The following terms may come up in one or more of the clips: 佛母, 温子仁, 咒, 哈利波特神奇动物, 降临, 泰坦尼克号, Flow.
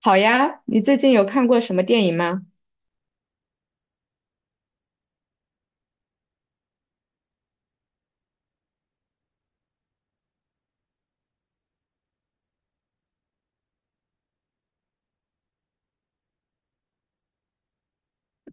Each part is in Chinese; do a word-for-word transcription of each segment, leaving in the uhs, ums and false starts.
好呀，你最近有看过什么电影吗？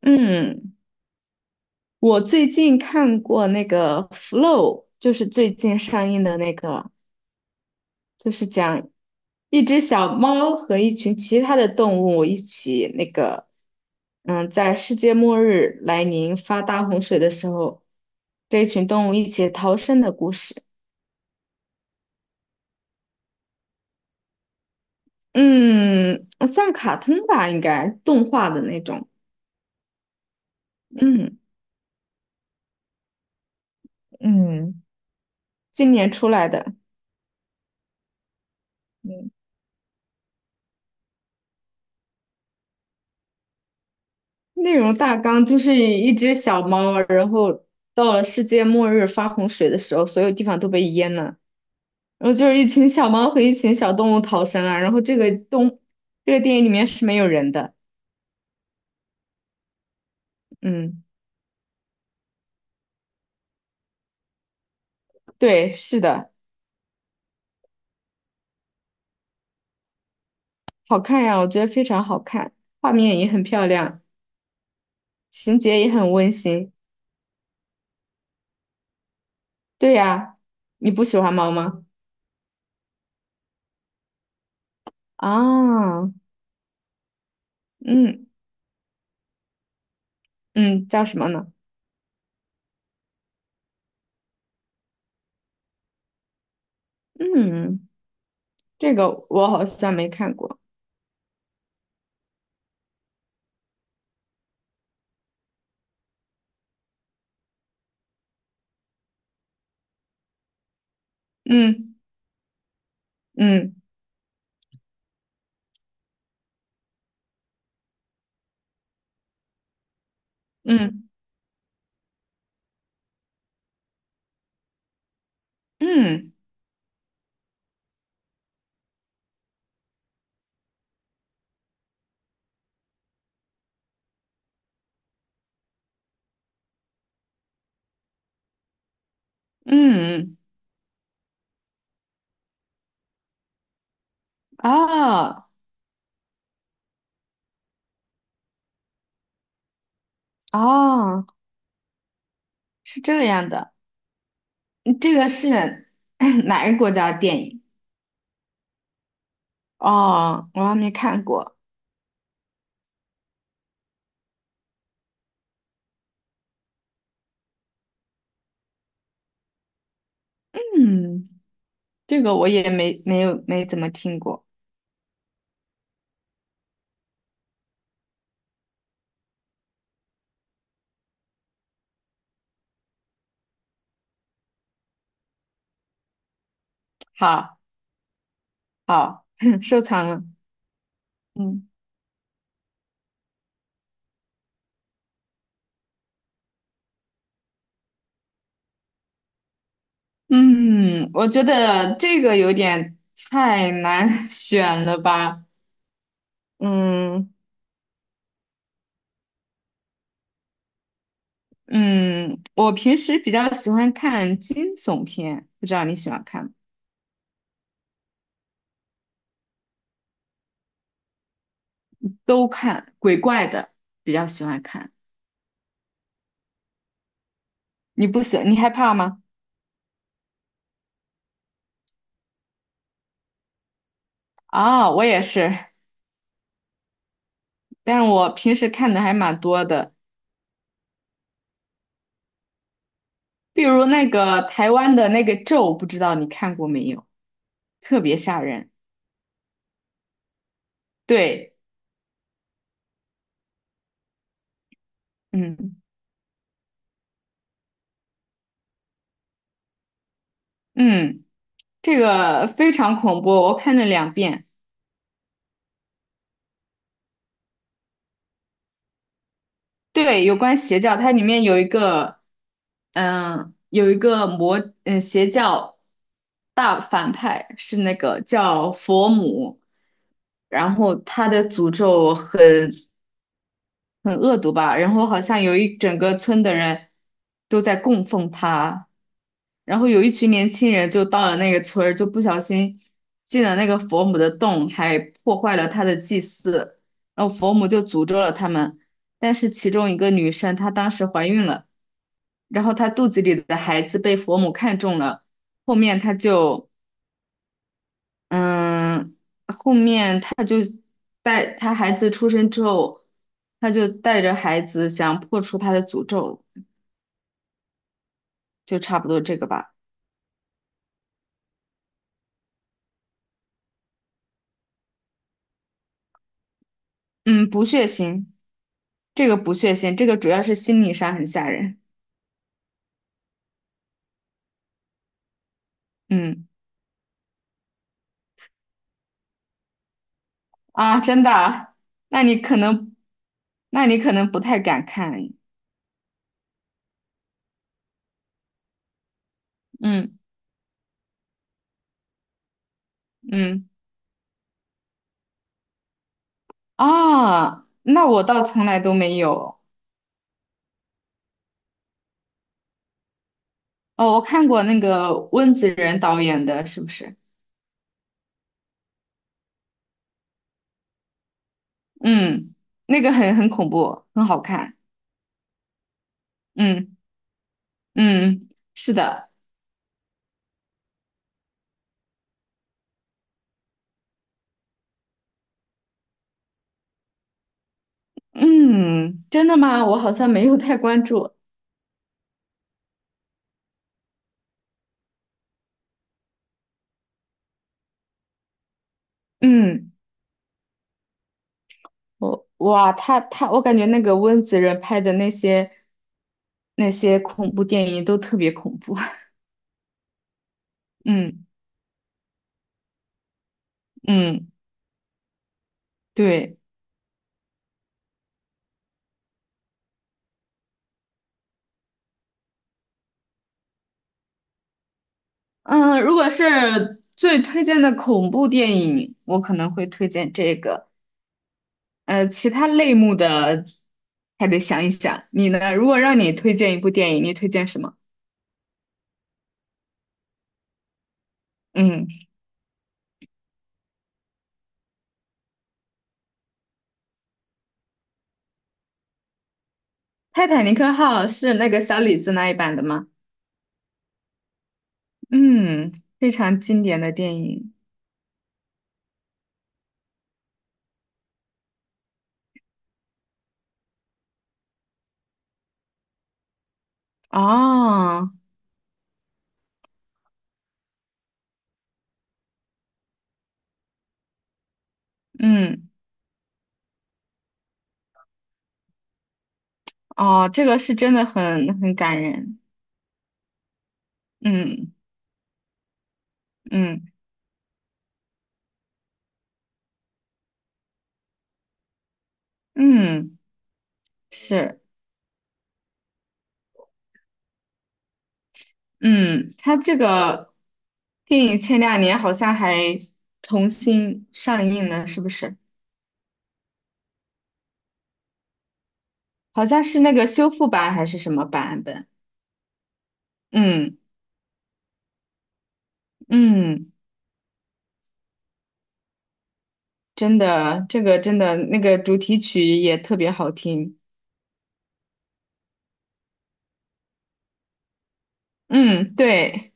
嗯，我最近看过那个《Flow》，就是最近上映的那个，就是讲一只小猫和一群其他的动物一起那个，嗯，在世界末日来临发大洪水的时候，这一群动物一起逃生的故事。嗯，算卡通吧，应该动画的那种。嗯，嗯今年出来的。嗯。内容大纲就是一只小猫，然后到了世界末日发洪水的时候，所有地方都被淹了，然后就是一群小猫和一群小动物逃生啊。然后这个动，这个电影里面是没有人的，嗯，对，是的，好看呀，我觉得非常好看，画面也很漂亮，情节也很温馨。对呀，你不喜欢猫吗？啊，嗯嗯，叫什么呢？嗯，这个我好像没看过。嗯嗯。嗯嗯嗯，哦哦，是这样的，嗯这个是 哪个国家的电影？哦，我还没看过。嗯，这个我也没没有没怎么听过。好，好，收藏了。嗯嗯，我觉得这个有点太难 选了吧。嗯嗯，我平时比较喜欢看惊悚片，不知道你喜欢看吗？都看，鬼怪的比较喜欢看。你不喜，你害怕吗？啊、我也是，但是我平时看的还蛮多的，比如那个台湾的那个《咒》，不知道你看过没有？特别吓人。对，嗯嗯，这个非常恐怖，我看了两遍。对，有关邪教，它里面有一个，嗯，有一个魔，嗯，邪教大反派是那个叫佛母，然后他的诅咒很很恶毒吧。然后好像有一整个村的人都在供奉他，然后有一群年轻人就到了那个村儿，就不小心进了那个佛母的洞，还破坏了他的祭祀，然后佛母就诅咒了他们。但是其中一个女生她当时怀孕了，然后她肚子里的孩子被佛母看中了，后面她就嗯。后面。带他孩子出生之后，他就带着孩子想破除他的诅咒，就差不多这个吧。嗯，不血腥，这个不血腥，这个主要是心理上很吓人。嗯啊，真的啊那你可能，那你可能不太敢看。嗯嗯啊，那我倒从来都没有。哦，我看过那个温子仁导演的，是不是？嗯，那个很很恐怖，很好看。嗯嗯，是的。嗯，真的吗？我好像没有太关注。嗯，我哇，他他，我感觉那个温子仁拍的那些那些恐怖电影都特别恐怖。嗯嗯，对，嗯，如果是最推荐的恐怖电影，我可能会推荐这个。呃，其他类目的还得想一想。你呢？如果让你推荐一部电影，你推荐什么？嗯，《泰坦尼克号》是那个小李子那一版的吗？嗯，非常经典的电影。哦，嗯，哦，这个是真的很很感人，嗯嗯嗯，是，嗯，他这个电影前两年好像还重新上映了，是不是？好像是那个修复版还是什么版本？嗯嗯，真的，这个真的那个主题曲也特别好听，嗯，对，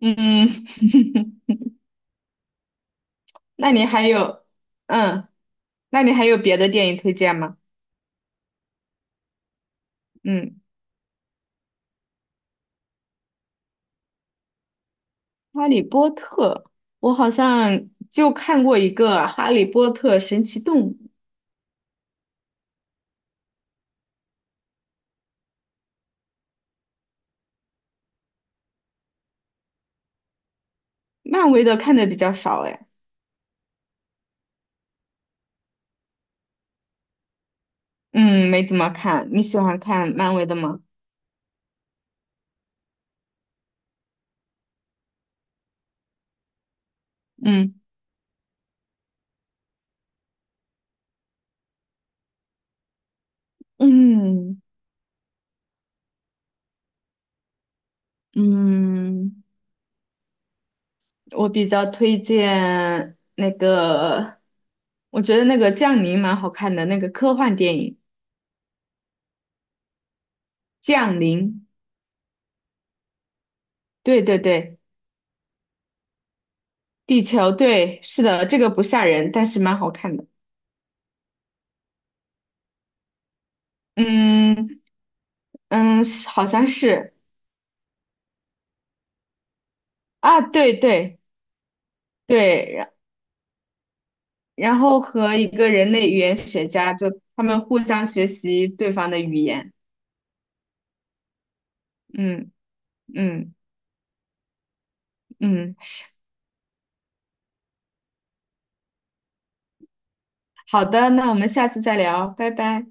嗯，那你还有，嗯，那你还有别的电影推荐吗？嗯。哈利波特，我好像就看过一个《哈利波特神奇动物》，漫威的看的比较少哎，嗯，没怎么看。你喜欢看漫威的吗？嗯嗯嗯，我比较推荐那个，我觉得那个《降临》蛮好看的，那个科幻电影《降临》，对对对，地球，对，是的，这个不吓人，但是蛮好看的。嗯嗯，是好像是啊，对对。对，然然后和一个人类语言学家，就他们互相学习对方的语言。嗯嗯嗯，好的，那我们下次再聊，拜拜。